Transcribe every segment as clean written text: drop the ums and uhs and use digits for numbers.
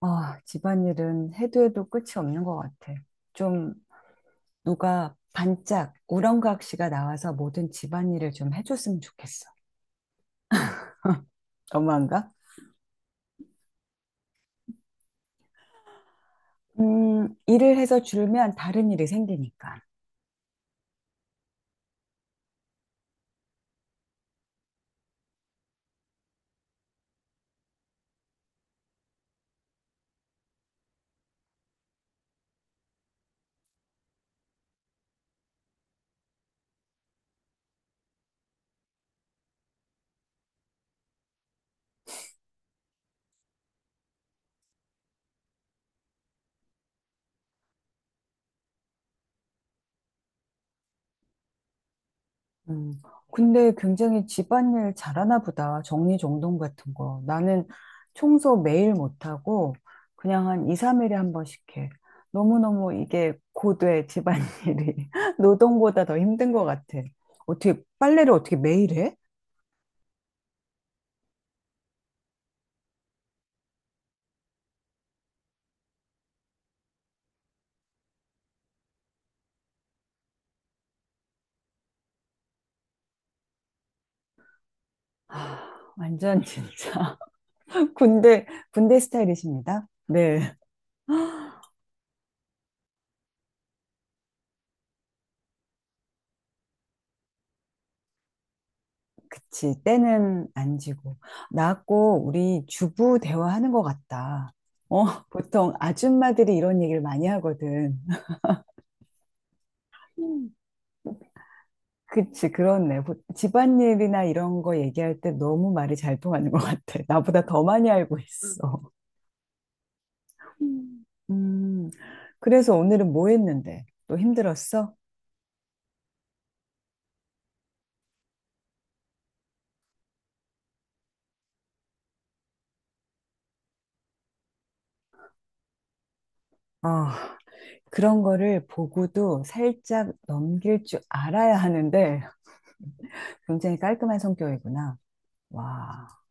아, 집안일은 해도 해도 끝이 없는 것 같아. 좀 누가 반짝 우렁각시가 나와서 모든 집안일을 좀 해줬으면 좋겠어. 너무한가? 일을 해서 줄면 다른 일이 생기니까. 음, 근데 굉장히 집안일 잘하나 보다. 정리정돈 같은 거. 나는 청소 매일 못하고 그냥 한 2, 3일에 한 번씩 해. 너무너무 이게 고돼, 집안일이. 노동보다 더 힘든 것 같아. 어떻게, 빨래를 어떻게 매일 해? 아, 완전 진짜. 군대, 군대 스타일이십니다. 네. 그치. 때는 안 지고. 나하고 우리 주부 대화하는 것 같다. 어, 보통 아줌마들이 이런 얘기를 많이 하거든. 그치, 그렇네. 보- 집안일이나 이런 거 얘기할 때 너무 말이 잘 통하는 것 같아. 나보다 더 많이 알고 있어. 음, 음, 그래서 오늘은 뭐 했는데? 또 힘들었어? 아, 그런 거를 보고도 살짝 넘길 줄 알아야 하는데 굉장히 깔끔한 성격이구나. 와.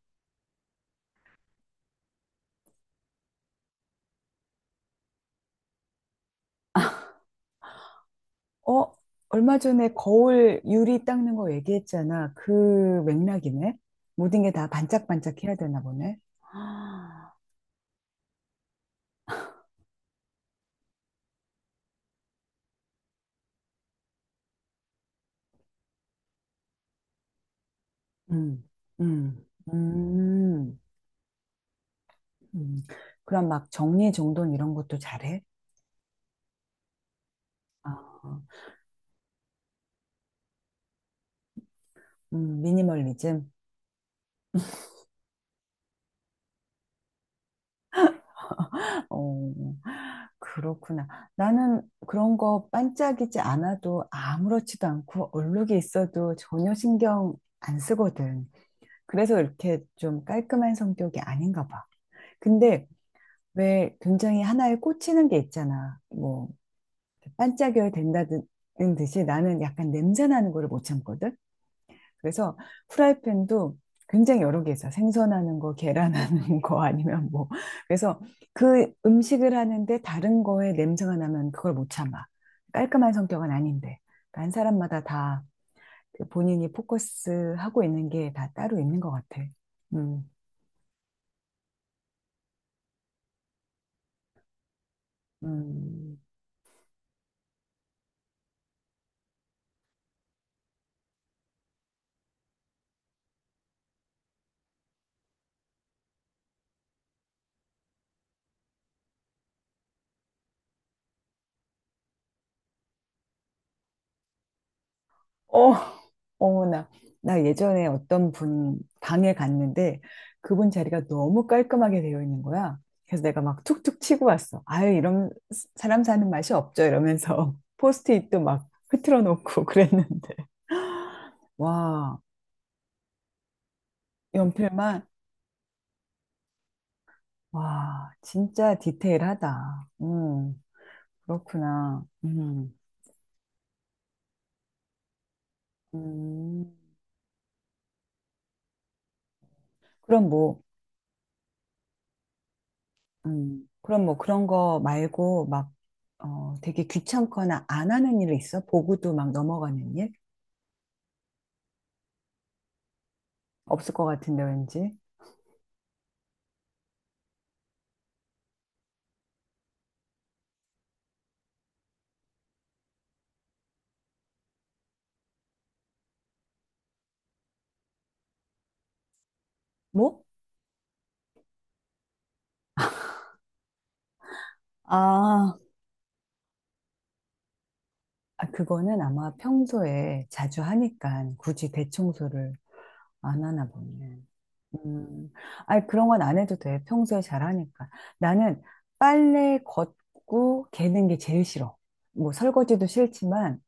어, 얼마 전에 거울 유리 닦는 거 얘기했잖아. 그 맥락이네. 모든 게 다 반짝반짝 해야 되나 보네. 아, 음. 음, 음, 음. 그럼 막 정리정돈 이런 것도 잘해? 아, 미니멀리즘? 어, 그렇구나. 나는 그런 거 반짝이지 않아도 아무렇지도 않고 얼룩이 있어도 전혀 신경 안 쓰거든. 그래서 이렇게 좀 깔끔한 성격이 아닌가 봐. 근데 왜 굉장히 하나에 꽂히는 게 있잖아. 뭐 반짝여야 된다는 듯이 나는 약간 냄새 나는 거를 못 참거든. 그래서 후라이팬도 굉장히 여러 개 있어. 생선하는 거, 계란하는 거 아니면 뭐. 그래서 그 음식을 하는데 다른 거에 냄새가 나면 그걸 못 참아. 깔끔한 성격은 아닌데. 그러니까 한 사람마다 다그 본인이 포커스하고 있는 게 다 따로 있는 것 같아. 음. 음. 어, 어머나. 나 예전에 어떤 분 방에 갔는데 그분 자리가 너무 깔끔하게 되어 있는 거야. 그래서 내가 막 툭툭 치고 왔어. 아유, 이런 사람 사는 맛이 없죠. 이러면서 포스트잇도 막 흐트러 놓고 그랬는데. 와, 연필만. 와, 진짜 디테일하다. 그렇구나. 음. 그럼 뭐 그럼 뭐 그런 거 말고 막, 어, 되게 귀찮거나 안 하는 일 있어? 보고도 막 넘어가는 일? 없을 것 같은데, 왠지. 뭐? 아, 아, 그거는 아마 평소에 자주 하니까 굳이 대청소를 안 하나 보네. 음, 아니, 그런 건 안 해도 돼. 평소에 잘하니까. 나는 빨래 걷고 개는 게 제일 싫어. 뭐, 설거지도 싫지만,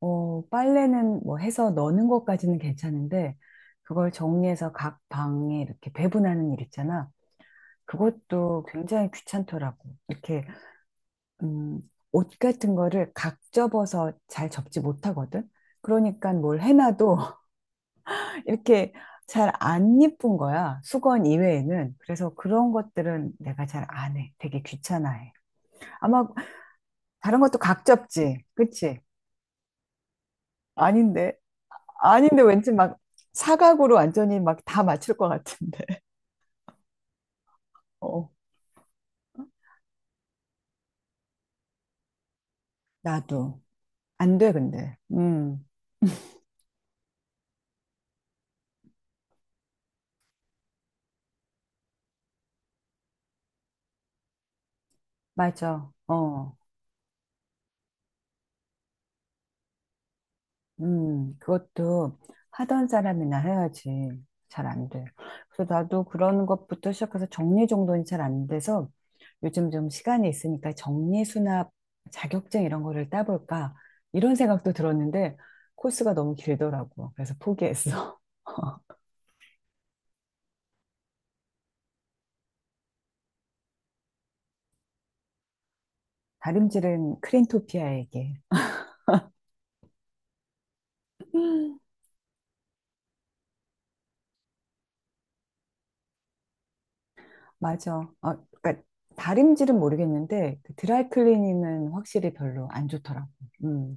어, 빨래는 뭐 해서 넣는 것까지는 괜찮은데, 그걸 정리해서 각 방에 이렇게 배분하는 일 있잖아. 그것도 굉장히 귀찮더라고. 이렇게, 음, 옷 같은 거를 각 접어서 잘 접지 못하거든? 그러니까 뭘 해놔도 이렇게 잘 안 예쁜 거야. 수건 이외에는. 그래서 그런 것들은 내가 잘 안 해. 되게 귀찮아해. 아마 다른 것도 각 접지. 그치? 아닌데. 아닌데 왠지 막 사각으로 완전히 막 다 맞출 것 같은데. 어. 나도. 안 돼, 근데. 맞아. 어. 그것도 하던 사람이나 해야지. 잘 안 돼. 그래서 나도 그런 것부터 시작해서 정리정돈이 잘 안 돼서 요즘 좀 시간이 있으니까 정리수납 자격증 이런 거를 따볼까? 이런 생각도 들었는데 코스가 너무 길더라고. 그래서 포기했어. 다림질은 크린토피아에게. 맞아. 어, 그러니까 다림질은 모르겠는데 그 드라이클리닝은 확실히 별로 안 좋더라고. 음.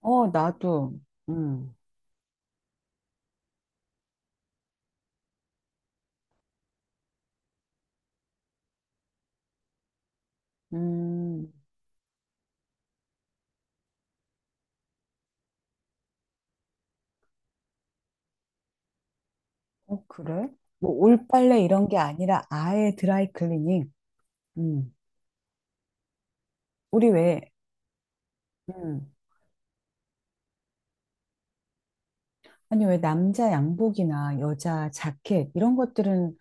어, 나도. 음. 음. 어, 그래? 뭐 올빨래 이런 게 아니라 아예 드라이클리닝. 음. 우리 왜 음. 아니 왜 남자 양복이나 여자 자켓 이런 것들은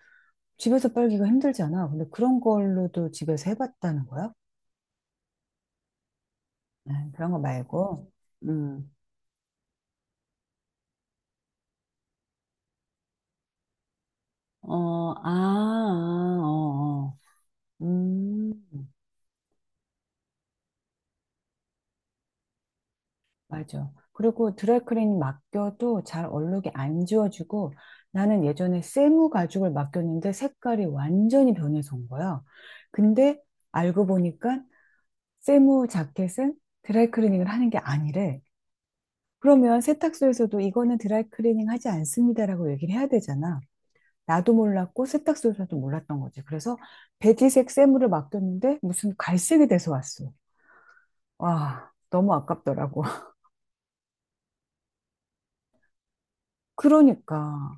집에서 빨기가 힘들잖아. 근데 그런 걸로도 집에서 해봤다는 거야? 아, 그런 거 말고. 음. 어, 아, 아, 어, 어. 음, 맞아. 그리고 드라이클리닝 맡겨도 잘 얼룩이 안 지워지고 나는 예전에 세무 가죽을 맡겼는데 색깔이 완전히 변해서 온 거야. 근데 알고 보니까 세무 자켓은 드라이클리닝을 하는 게 아니래. 그러면 세탁소에서도 이거는 드라이클리닝 하지 않습니다라고 얘기를 해야 되잖아. 나도 몰랐고 세탁소에서도 몰랐던 거지. 그래서 베지색 세무를 맡겼는데 무슨 갈색이 돼서 왔어. 와, 너무 아깝더라고. 그러니까.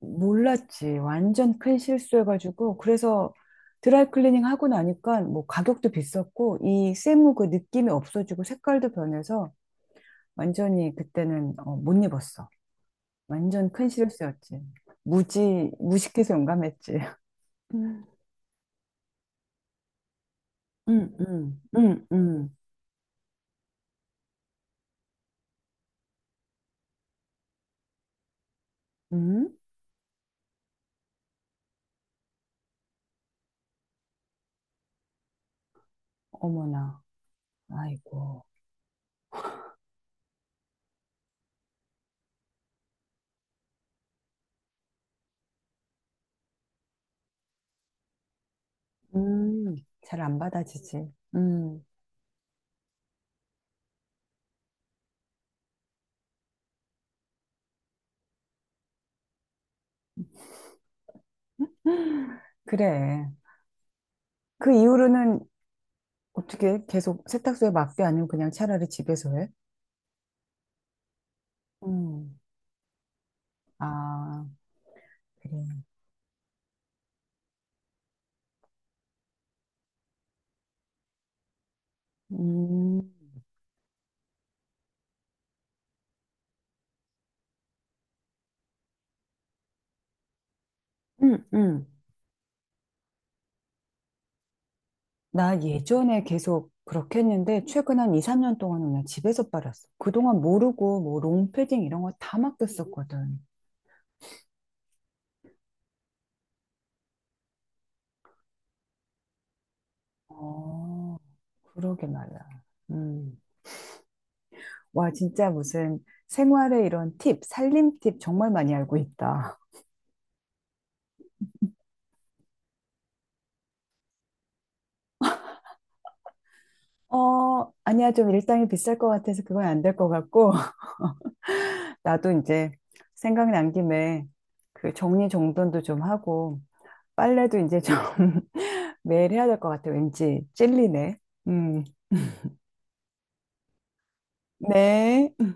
몰랐지. 완전 큰 실수해가지고. 그래서 드라이클리닝 하고 나니까 뭐 가격도 비쌌고 이 세무 그 느낌이 없어지고 색깔도 변해서 완전히 그때는 어, 못 입었어. 완전 큰 실수였지. 무지, 무식해서 용감했지. 음? 음, 음, 음, 음. 음? 어머나. 아이고. 음, 잘 안 받아지지. 그래. 그 이후로는 어떻게 계속 세탁소에 맡겨 아니면 그냥 차라리 집에서 해? 음. 아, 그래. 음, 음, 음. 나 예전에 계속 그렇게 했는데, 최근 한 2, 3년 동안은 그냥 집에서 빨았어. 그동안 모르고, 뭐, 롱패딩 이런 거 다 맡겼었거든. 어, 그러게 말이야. 음. 와, 진짜 무슨 생활의 이런 팁, 살림 팁 정말 많이 알고 있다. 어, 아니야. 좀 일당이 비쌀 것 같아서 그건 안 될 것 같고, 나도 이제 생각난 김에 그 정리정돈도 좀 하고, 빨래도 이제 좀 매일 해야 될 것 같아. 왠지 찔리네. 음. 네.